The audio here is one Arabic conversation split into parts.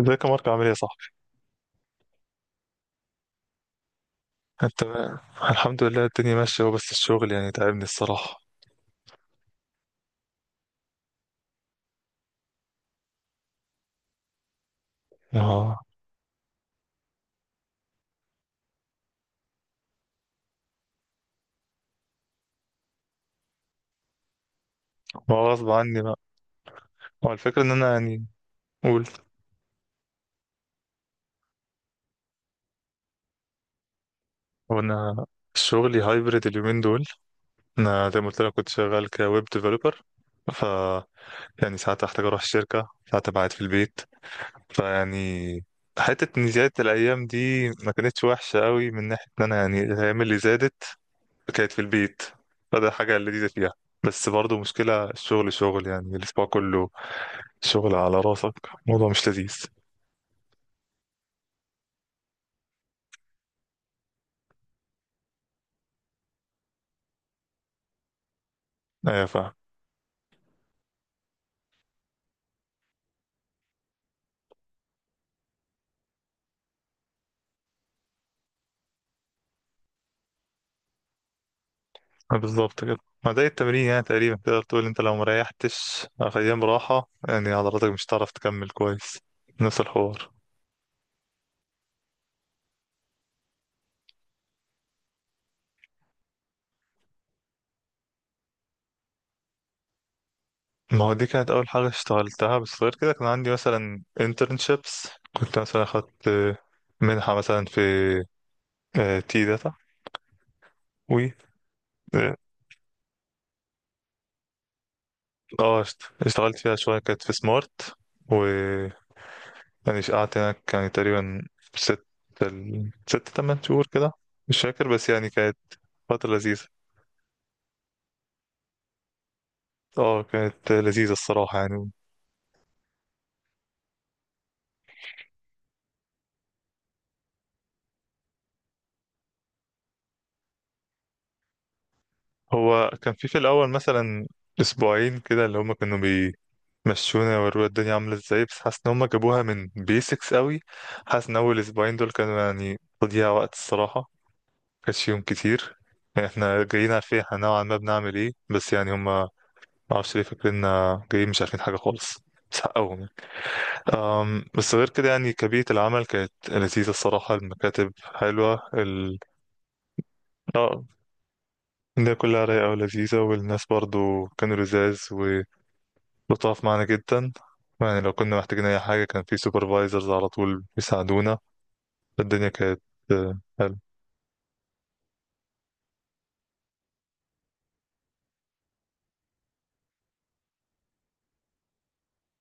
ازيك يا مارك، عامل ايه يا صاحبي؟ انت؟ الحمد لله، الدنيا ماشيه، وبس الشغل يعني تعبني الصراحه. ما ما هو غصب عني بقى. هو الفكره ان انا يعني. قول. هو انا شغلي هايبرد اليومين دول. انا زي ما قلت لك كنت شغال كويب ديفلوبر، ف يعني ساعات احتاج اروح الشركه، ساعات أبقى قاعد في البيت، فيعني حته ان زياده الايام دي ما كانتش وحشه قوي من ناحيه ان انا يعني الايام اللي زادت كانت في البيت، فده حاجه لذيذه فيها. بس برضه مشكلة الشغل شغل يعني الأسبوع كله، شغل على راسك موضوع مش لذيذ. ايوه، فاهم. بالظبط كده. ما ده التمرين، يعني تقريبا تقدر تقول انت لو مريحتش ايام راحة، يعني عضلاتك مش هتعرف تكمل كويس. نفس الحوار. ما هو دي كانت اول حاجة اشتغلتها، بس غير كده كان عندي مثلا internships. كنت مثلا اخدت منحة مثلا في تي داتا و... اه، اشتغلت فيها شوية، كانت في سمارت، يعني شقعت هناك يعني تقريبا ست ست تمن شهور كده، مش فاكر، بس يعني كانت فترة لذيذة. اه، كانت لذيذة الصراحة يعني. هو كان في الأول مثلا أسبوعين كده، اللي هما كانوا بيمشونا ويوروا الدنيا عاملة ازاي، بس حاسس إن هما جابوها من بيسكس قوي. حاسس إن أول أسبوعين دول كانوا يعني تضييع وقت الصراحة. مكانش يوم كتير، يعني احنا جايين عارفين احنا نوعا ما بنعمل ايه، بس يعني هما معرفش ليه فاكريننا جايين مش عارفين حاجة خالص. بس حقهم يعني. بس غير كده يعني كبيئة العمل كانت لذيذة الصراحة، المكاتب حلوة، ال... اه، الدنيا كلها رايقة ولذيذة، والناس برضو كانوا لذاذ ولطاف معانا جدا. يعني لو كنا محتاجين أي حاجة كان في سوبرفايزرز على طول بيساعدونا. الدنيا كانت حلوة.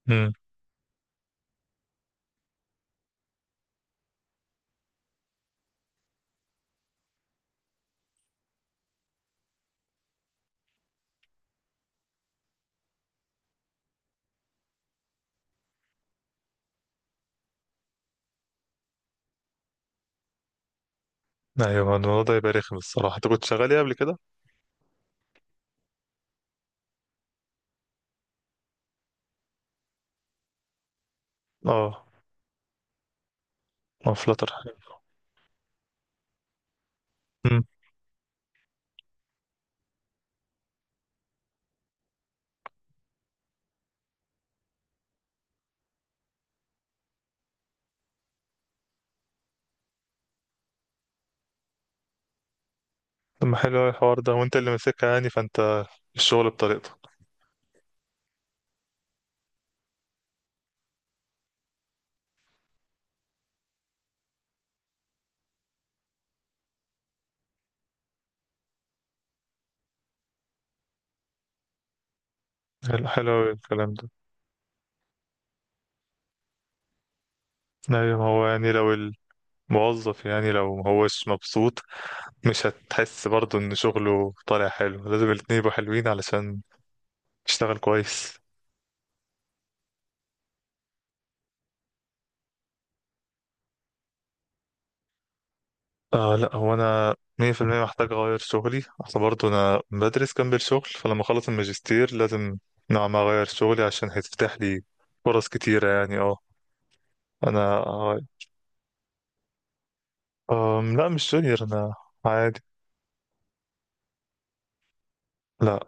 أمم، أيوة، الموضوع ده يبقى رخم الصراحة. أنت كنت شغال إيه قبل كده؟ اه. اه، فلاتر حلو. أمم، طب ما حلو أوي الحوار ده، وأنت اللي ماسكها يعني، فأنت الشغل بطريقتك. حلو، حلو أوي الكلام ده. أيوة، هو يعني لو موظف، يعني لو مهوش مبسوط مش هتحس برضه ان شغله طالع حلو، لازم الاتنين يبقوا حلوين علشان تشتغل كويس. لا، هو انا 100% محتاج اغير شغلي، اصل برضه انا بدرس جنب الشغل، فلما اخلص الماجستير لازم نوعا ما اغير شغلي عشان هيتفتح لي فرص كتيرة يعني. اه، انا. لا، مش جونيور، انا عادي. لا.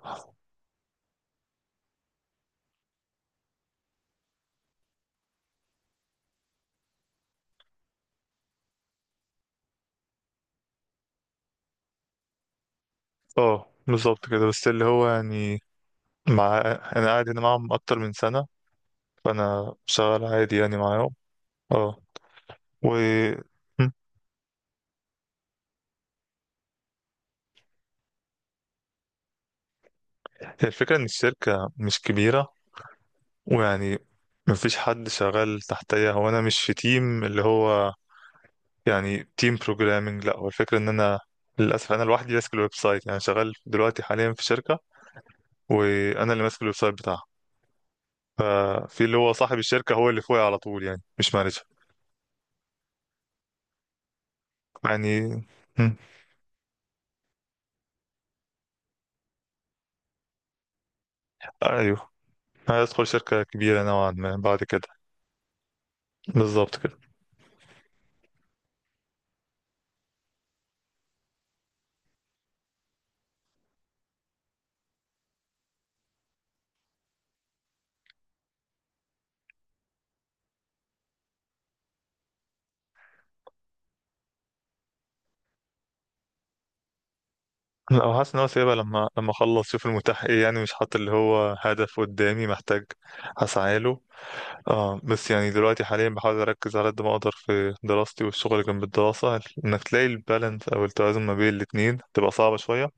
اه، بالظبط كده، بس اللي هو يعني. مع انا قاعد هنا معاهم اكتر من سنة، فانا شغال عادي يعني معاهم. اه. و م. هي الفكرة ان الشركة مش كبيرة، ويعني مفيش حد شغال تحتيا، هو انا مش في تيم اللي هو يعني تيم بروجرامنج، لا هو الفكرة ان انا للاسف انا لوحدي ماسك الويب سايت، يعني شغال دلوقتي حاليا في شركة، وانا اللي ماسك الويب سايت بتاعها، في اللي هو صاحب الشركة هو اللي فوقي على طول، يعني مش مانجر. يعني. م. ايوه، هيدخل شركة كبيرة نوعا ما بعد كده. بالظبط كده. لا، هو حاسس ان هو سايبها، لما اخلص شوف المتاح ايه يعني، مش حاطط اللي هو هدف قدامي محتاج اسعى له. اه، بس يعني دلوقتي حاليا بحاول اركز على قد ما اقدر في دراستي، والشغل جنب الدراسة انك تلاقي البالانس او التوازن ما بين الاتنين تبقى صعبة شوية،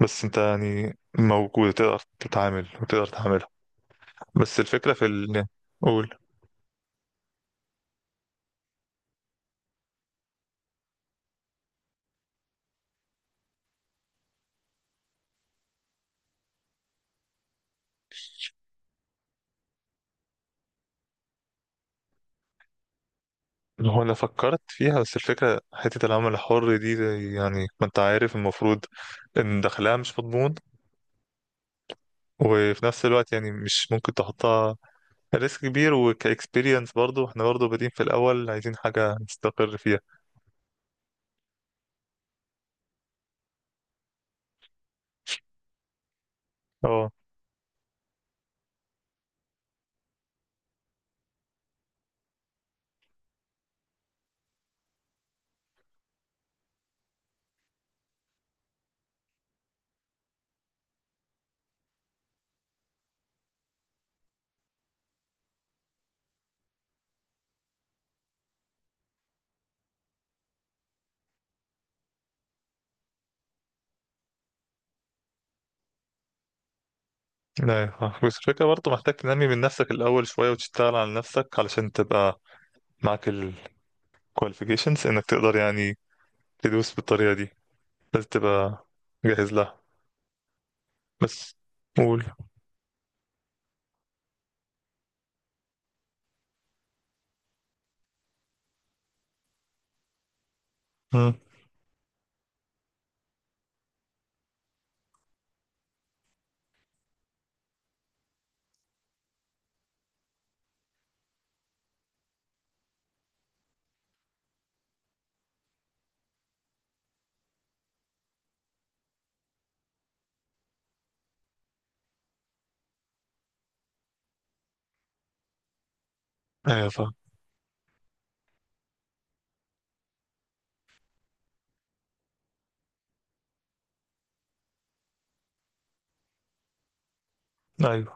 بس انت يعني موجود تقدر تتعامل وتقدر تعملها. بس الفكرة في ال قول. هو انا فكرت فيها، بس الفكرة حتة العمل الحر دي يعني ما انت عارف المفروض ان دخلها مش مضمون، وفي نفس الوقت يعني مش ممكن تحطها، ريسك كبير وكاكسبيرينس، برضو احنا برضو بادئين في الاول عايزين حاجه نستقر فيها. اه. لا ينفع. بس الفكره برضو محتاج تنمي من نفسك الاول شويه، وتشتغل على نفسك علشان تبقى معاك الكواليفيكيشنز انك تقدر يعني تدوس بالطريقه دي، لازم تبقى جاهز لها. بس. قول. مم. ايوه، فاهم. ايوه.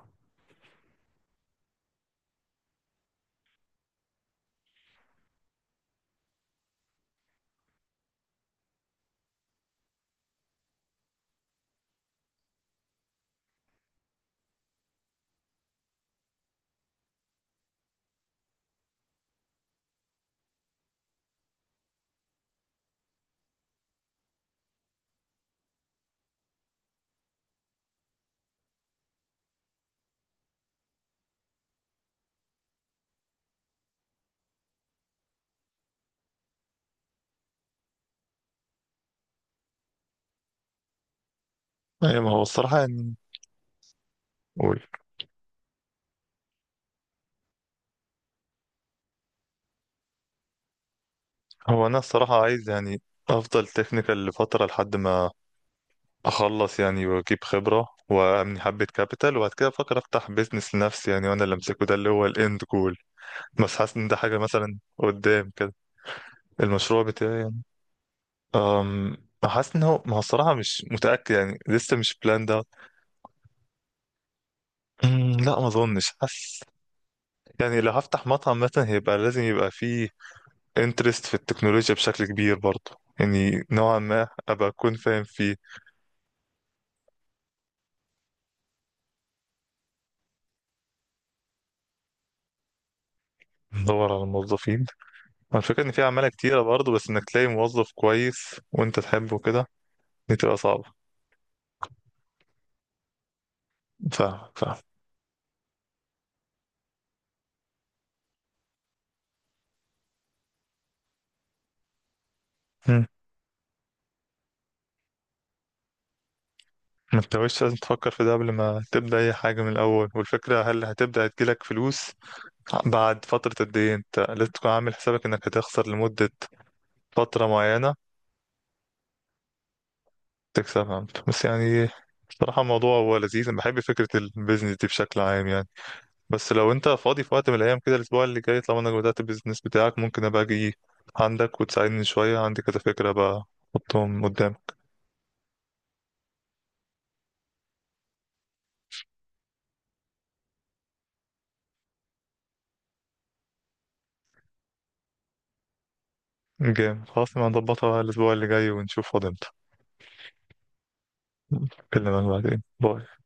ايوه، ما هو الصراحه يعني. قول. هو انا الصراحه عايز يعني افضل تكنيكال لفتره لحد ما اخلص يعني، واجيب خبرة وابني حبة كابيتال، وبعد كده افكر افتح بيزنس لنفسي يعني، وانا اللي امسكه، ده اللي هو الاند جول، بس حاسس ان ده حاجة مثلا قدام كده. المشروع بتاعي يعني. أم حاسس ان هو، ما هو الصراحة مش متأكد يعني، لسه مش بلان ده. لا، ما اظنش. حاسس يعني لو هفتح مطعم مثلا هيبقى لازم يبقى فيه انترست في التكنولوجيا بشكل كبير برضه، يعني نوعا ما ابقى اكون فاهم فيه. ادور على موظفين. هو الفكرة إن في عمالة كتيرة برضه، بس إنك تلاقي موظف كويس وأنت تحبه كده دي تبقى صعبة. فاهمك، فاهم. مم. ما انتش لازم تفكر في ده قبل ما تبدأ أي حاجة من الأول، والفكرة هل هتبدأ تجيلك فلوس بعد فترة قد إيه؟ أنت لازم تكون عامل حسابك إنك هتخسر لمدة فترة معينة، تكسبها أنت. بس يعني بصراحة الموضوع هو لذيذ، أنا بحب فكرة البيزنس دي بشكل عام يعني. بس لو انت فاضي في وقت من الايام كده الاسبوع اللي جاي، طالما انك بدأت البيزنس بتاعك، ممكن ابقى اجي عندك وتساعدني شوية، عندي كذا فكرة بقى احطهم قدام. جامد، خلاص نبقى نظبطها الاسبوع اللي جاي ونشوف فاضي امتى. اكلمك بعدين، باي.